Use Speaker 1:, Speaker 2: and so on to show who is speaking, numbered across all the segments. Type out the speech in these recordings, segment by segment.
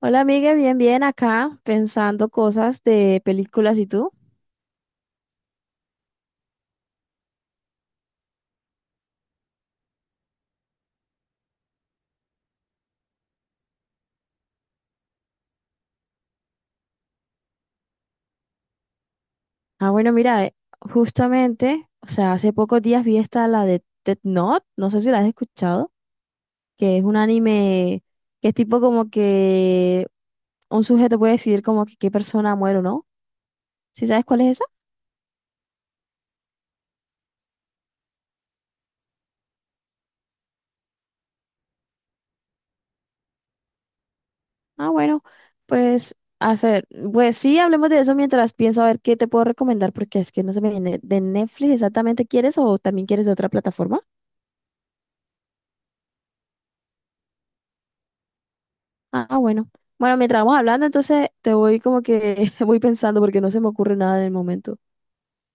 Speaker 1: Hola, amiga, bien, bien, acá pensando cosas de películas y tú. Ah, bueno, mira, justamente, o sea, hace pocos días vi esta, la de Death Note, no sé si la has escuchado, que es un anime que es tipo como que un sujeto puede decidir como que qué persona muere o no. ¿Sí sabes cuál es esa? Ah, bueno, pues, a ver, pues sí, hablemos de eso mientras pienso a ver qué te puedo recomendar, porque es que no se me viene de Netflix exactamente quieres o también quieres de otra plataforma. Ah, bueno. Bueno, mientras vamos hablando, entonces te voy como que voy pensando porque no se me ocurre nada en el momento.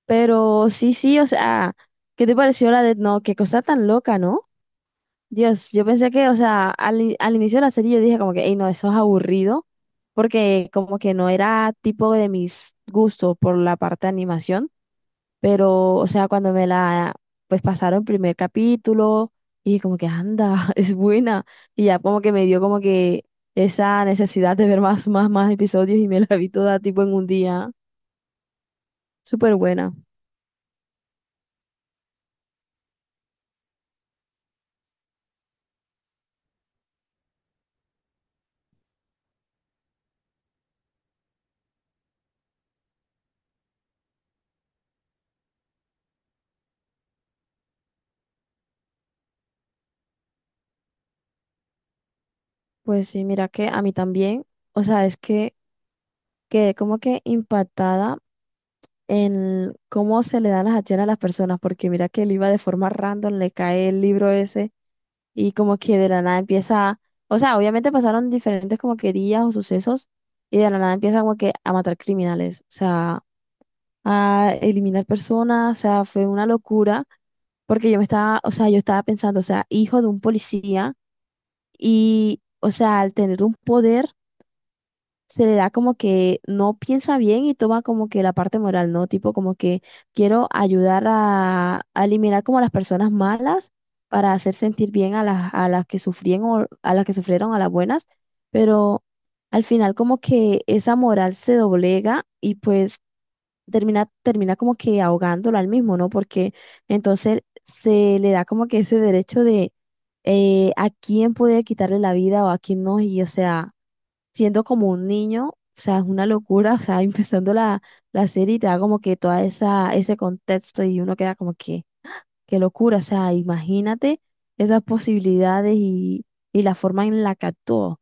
Speaker 1: Pero sí, sí, o sea, ¿qué te pareció la de no? Qué cosa tan loca, ¿no? Dios, yo pensé que, o sea, al inicio de la serie yo dije como que, hey, no, eso es aburrido, porque como que no era tipo de mis gustos por la parte de animación. Pero, o sea, cuando me la, pues pasaron el primer capítulo y como que anda, es buena. Y ya como que me dio como que esa necesidad de ver más, más, más episodios y me la vi toda tipo en un día. Súper buena. Pues sí, mira que a mí también, o sea, es que quedé como que impactada en cómo se le dan las acciones a las personas, porque mira que él iba de forma random, le cae el libro ese y como que de la nada empieza, o sea, obviamente pasaron diferentes como querías o sucesos y de la nada empieza como que a matar criminales, o sea, a eliminar personas, o sea, fue una locura porque yo me estaba, o sea, yo estaba pensando, o sea, hijo de un policía y, o sea, al tener un poder se le da como que no piensa bien y toma como que la parte moral, ¿no? Tipo como que quiero ayudar a eliminar como a las personas malas para hacer sentir bien a las que sufrían o a las que sufrieron a las buenas, pero al final como que esa moral se doblega y pues termina como que ahogándolo al mismo, ¿no? Porque entonces se le da como que ese derecho de a quién puede quitarle la vida o a quién no, y o sea siendo como un niño, o sea, es una locura, o sea, empezando la, la serie y te da como que toda esa, ese contexto y uno queda como que, qué locura, o sea, imagínate esas posibilidades y la forma en la que actuó.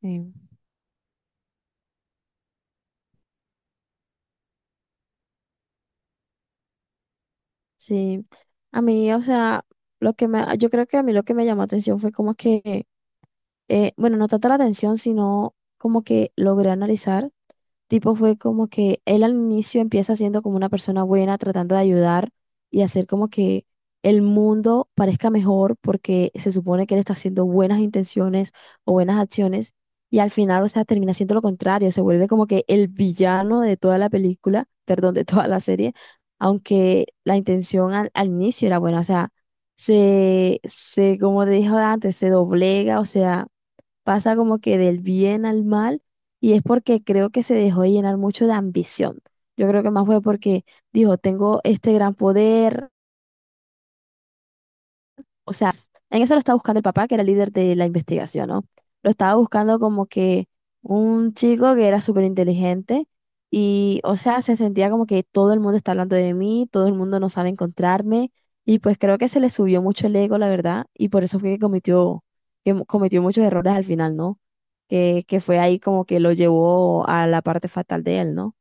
Speaker 1: Sí. Sí, a mí, o sea, lo que me, yo creo que a mí lo que me llamó atención fue como que, bueno, no tanto la atención, sino como que logré analizar. Tipo fue como que él al inicio empieza siendo como una persona buena, tratando de ayudar y hacer como que el mundo parezca mejor porque se supone que él está haciendo buenas intenciones o buenas acciones y al final, o sea, termina siendo lo contrario, se vuelve como que el villano de toda la película, perdón, de toda la serie, aunque la intención al inicio era buena, o sea, se, como te dije antes, se doblega, o sea pasa como que del bien al mal y es porque creo que se dejó de llenar mucho de ambición. Yo creo que más fue porque dijo, tengo este gran poder, o sea, en eso lo estaba buscando el papá, que era el líder de la investigación, ¿no? Lo estaba buscando como que un chico que era súper inteligente y, o sea, se sentía como que todo el mundo está hablando de mí, todo el mundo no sabe encontrarme y pues creo que se le subió mucho el ego, la verdad, y por eso fue que cometió, cometió muchos errores al final, ¿no? Que fue ahí como que lo llevó a la parte fatal de él, ¿no?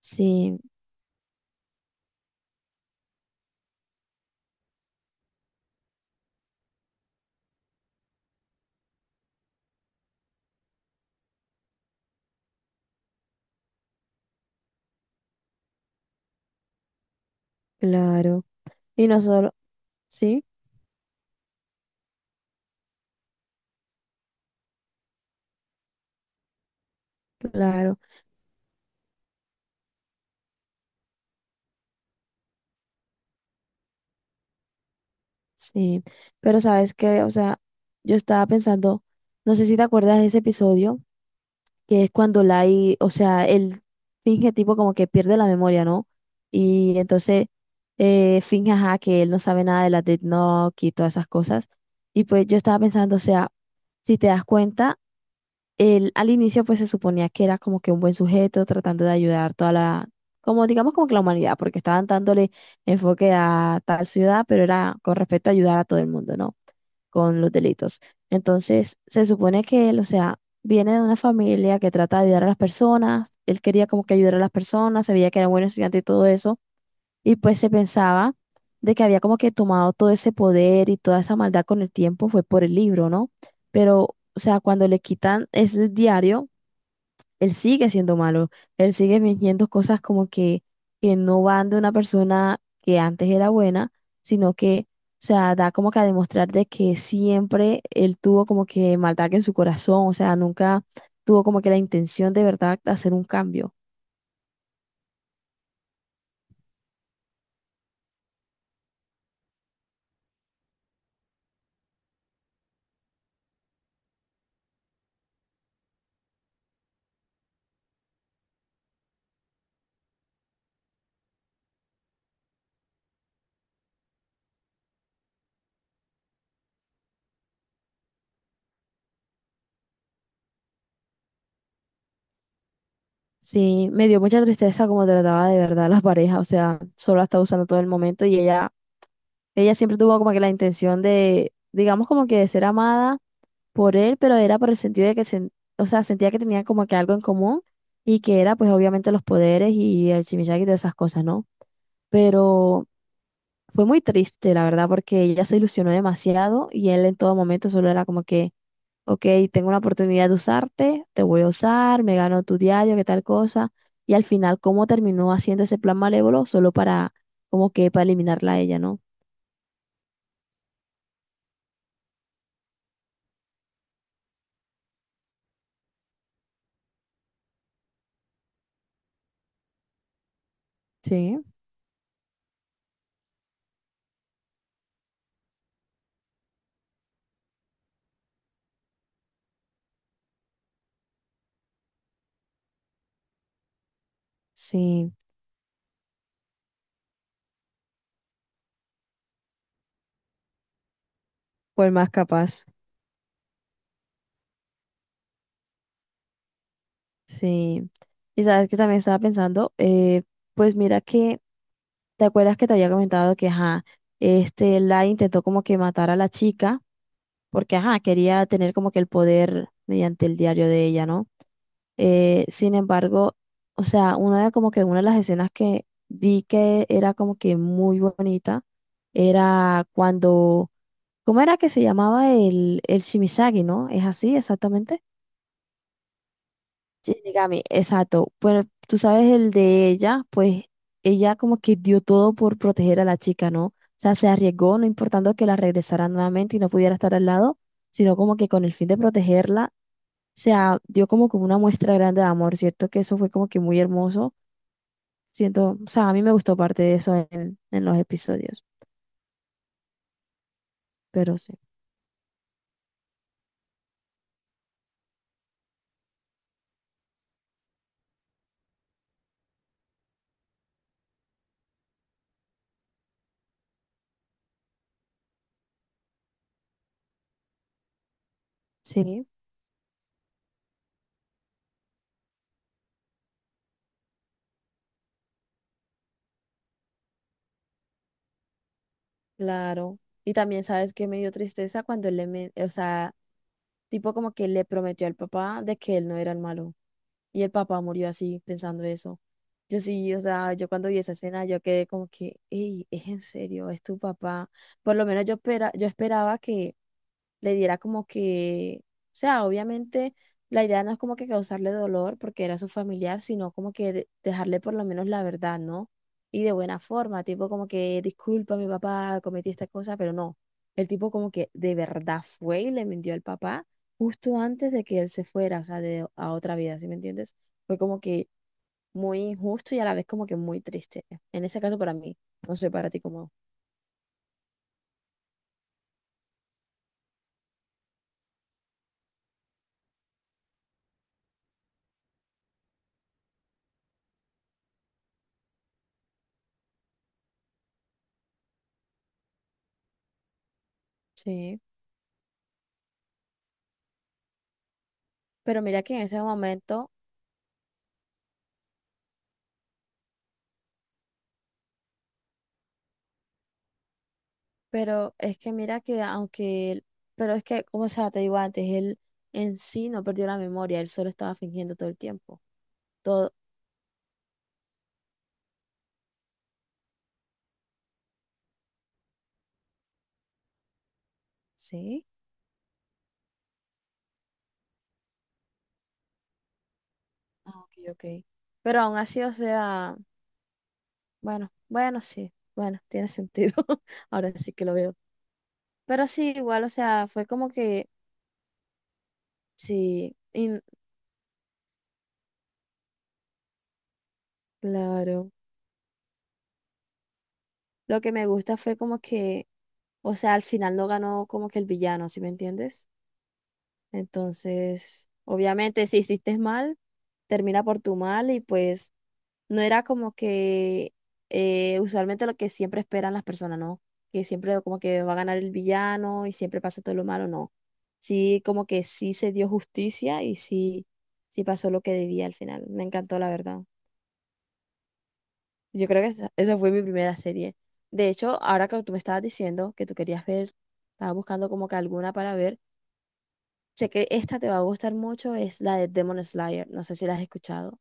Speaker 1: Sí, claro. Y no solo, sí, claro. Sí, pero sabes que, o sea, yo estaba pensando, no sé si te acuerdas de ese episodio, que es cuando Lai, o sea, él finge tipo como que pierde la memoria, ¿no? Y entonces finge, ajá, que él no sabe nada de la Death Note y todas esas cosas. Y pues yo estaba pensando, o sea, si te das cuenta, él al inicio pues se suponía que era como que un buen sujeto tratando de ayudar toda la, como digamos como que la humanidad, porque estaban dándole enfoque a tal ciudad, pero era con respecto a ayudar a todo el mundo, ¿no? con los delitos. Entonces, se supone que él, o sea, viene de una familia que trata de ayudar a las personas, él quería como que ayudar a las personas, sabía que era buen estudiante y todo eso, y pues se pensaba de que había como que tomado todo ese poder y toda esa maldad con el tiempo fue por el libro, ¿no? Pero, o sea, cuando le quitan ese diario, él sigue siendo malo, él sigue fingiendo cosas como que no van de una persona que antes era buena, sino que, o sea, da como que a demostrar de que siempre él tuvo como que maldad en su corazón, o sea, nunca tuvo como que la intención de verdad de hacer un cambio. Sí, me dio mucha tristeza como trataba de verdad a la pareja, o sea, solo la estaba usando todo el momento y ella siempre tuvo como que la intención de, digamos como que de ser amada por él, pero era por el sentido de que, o sea, sentía que tenía como que algo en común y que era pues obviamente los poderes y el chimichanga y todas esas cosas, ¿no? Pero fue muy triste, la verdad, porque ella se ilusionó demasiado y él en todo momento solo era como que, ok, tengo una oportunidad de usarte, te voy a usar, me gano tu diario, qué tal cosa. Y al final, ¿cómo terminó haciendo ese plan malévolo? Solo para, como que para eliminarla a ella, ¿no? Sí, sí, fue el más capaz. Sí, y sabes que también estaba pensando, pues mira que, ¿te acuerdas que te había comentado que, ajá, este, la intentó como que matar a la chica, porque, ajá, quería tener como que el poder mediante el diario de ella, ¿no? Sin embargo, o sea, una de como que una de las escenas que vi que era como que muy bonita, era cuando, ¿cómo era que se llamaba el Shimizagi, ¿no? ¿Es así exactamente? Shinigami, exacto. Bueno, tú sabes el de ella, pues ella como que dio todo por proteger a la chica, ¿no? O sea, se arriesgó, no importando que la regresaran nuevamente y no pudiera estar al lado, sino como que con el fin de protegerla, o sea, dio como que una muestra grande de amor, ¿cierto? Que eso fue como que muy hermoso. Siento, o sea, a mí me gustó parte de eso en los episodios, pero sí. Sí, claro. Y también sabes que me dio tristeza cuando él le, o sea, tipo como que le prometió al papá de que él no era el malo. Y el papá murió así, pensando eso. Yo sí, o sea, yo cuando vi esa escena, yo quedé como que, hey, es en serio, es tu papá. Por lo menos yo, espera, yo esperaba que, le diera como que, o sea, obviamente la idea no es como que causarle dolor porque era su familiar, sino como que dejarle por lo menos la verdad, ¿no? Y de buena forma, tipo como que, disculpa, mi papá, cometí esta cosa, pero no. El tipo como que de verdad fue y le mintió al papá justo antes de que él se fuera, o sea, de, a otra vida, ¿sí me entiendes? Fue como que muy injusto y a la vez como que muy triste. En ese caso para mí, no sé para ti cómo. Sí. Pero mira que en ese momento, pero es que mira que aunque él, pero es que, como sea, te digo antes, él en sí no perdió la memoria, él solo estaba fingiendo todo el tiempo. Todo, ¿sí? Ah, ok, ok. Pero aún así, o sea, bueno, bueno, sí, bueno, tiene sentido. Ahora sí que lo veo. Pero sí, igual, o sea, fue como que, sí, y- claro. Lo que me gusta fue como que, o sea, al final no ganó como que el villano, ¿sí me entiendes? Entonces, obviamente, si hiciste mal, termina por tu mal y pues no era como que usualmente lo que siempre esperan las personas, ¿no? Que siempre como que va a ganar el villano y siempre pasa todo lo malo, no. Sí, como que sí se dio justicia y sí, sí pasó lo que debía al final. Me encantó, la verdad. Yo creo que esa fue mi primera serie. De hecho, ahora que tú me estabas diciendo que tú querías ver, estaba buscando como que alguna para ver. Sé que esta te va a gustar mucho, es la de Demon Slayer. No sé si la has escuchado.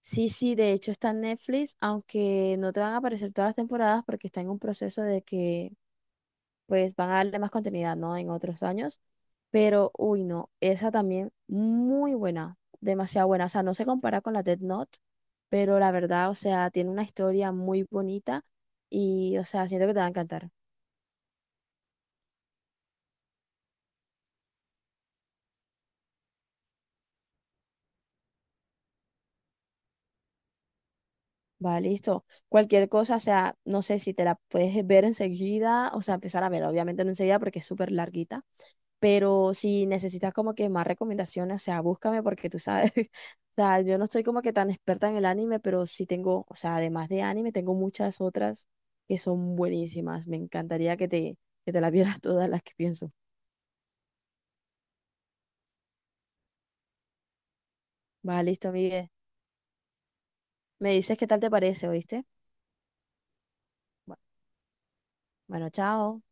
Speaker 1: Sí, sí, de hecho está en Netflix, aunque no te van a aparecer todas las temporadas porque está en un proceso de que pues van a darle más continuidad, ¿no? En otros años. Pero, uy, no, esa también muy buena, demasiado buena. O sea, no se compara con la Death Note, pero la verdad, o sea, tiene una historia muy bonita y, o sea, siento que te va a encantar. Va, listo. Cualquier cosa, o sea, no sé si te la puedes ver enseguida, o sea, empezar a verla, obviamente no enseguida porque es súper larguita, pero si necesitas como que más recomendaciones, o sea, búscame porque tú sabes, o sea, yo no soy como que tan experta en el anime, pero sí tengo, o sea, además de anime, tengo muchas otras que son buenísimas. Me encantaría que te las vieras todas las que pienso. Va, listo, Miguel. Me dices qué tal te parece, ¿oíste? Bu- Bueno, chao.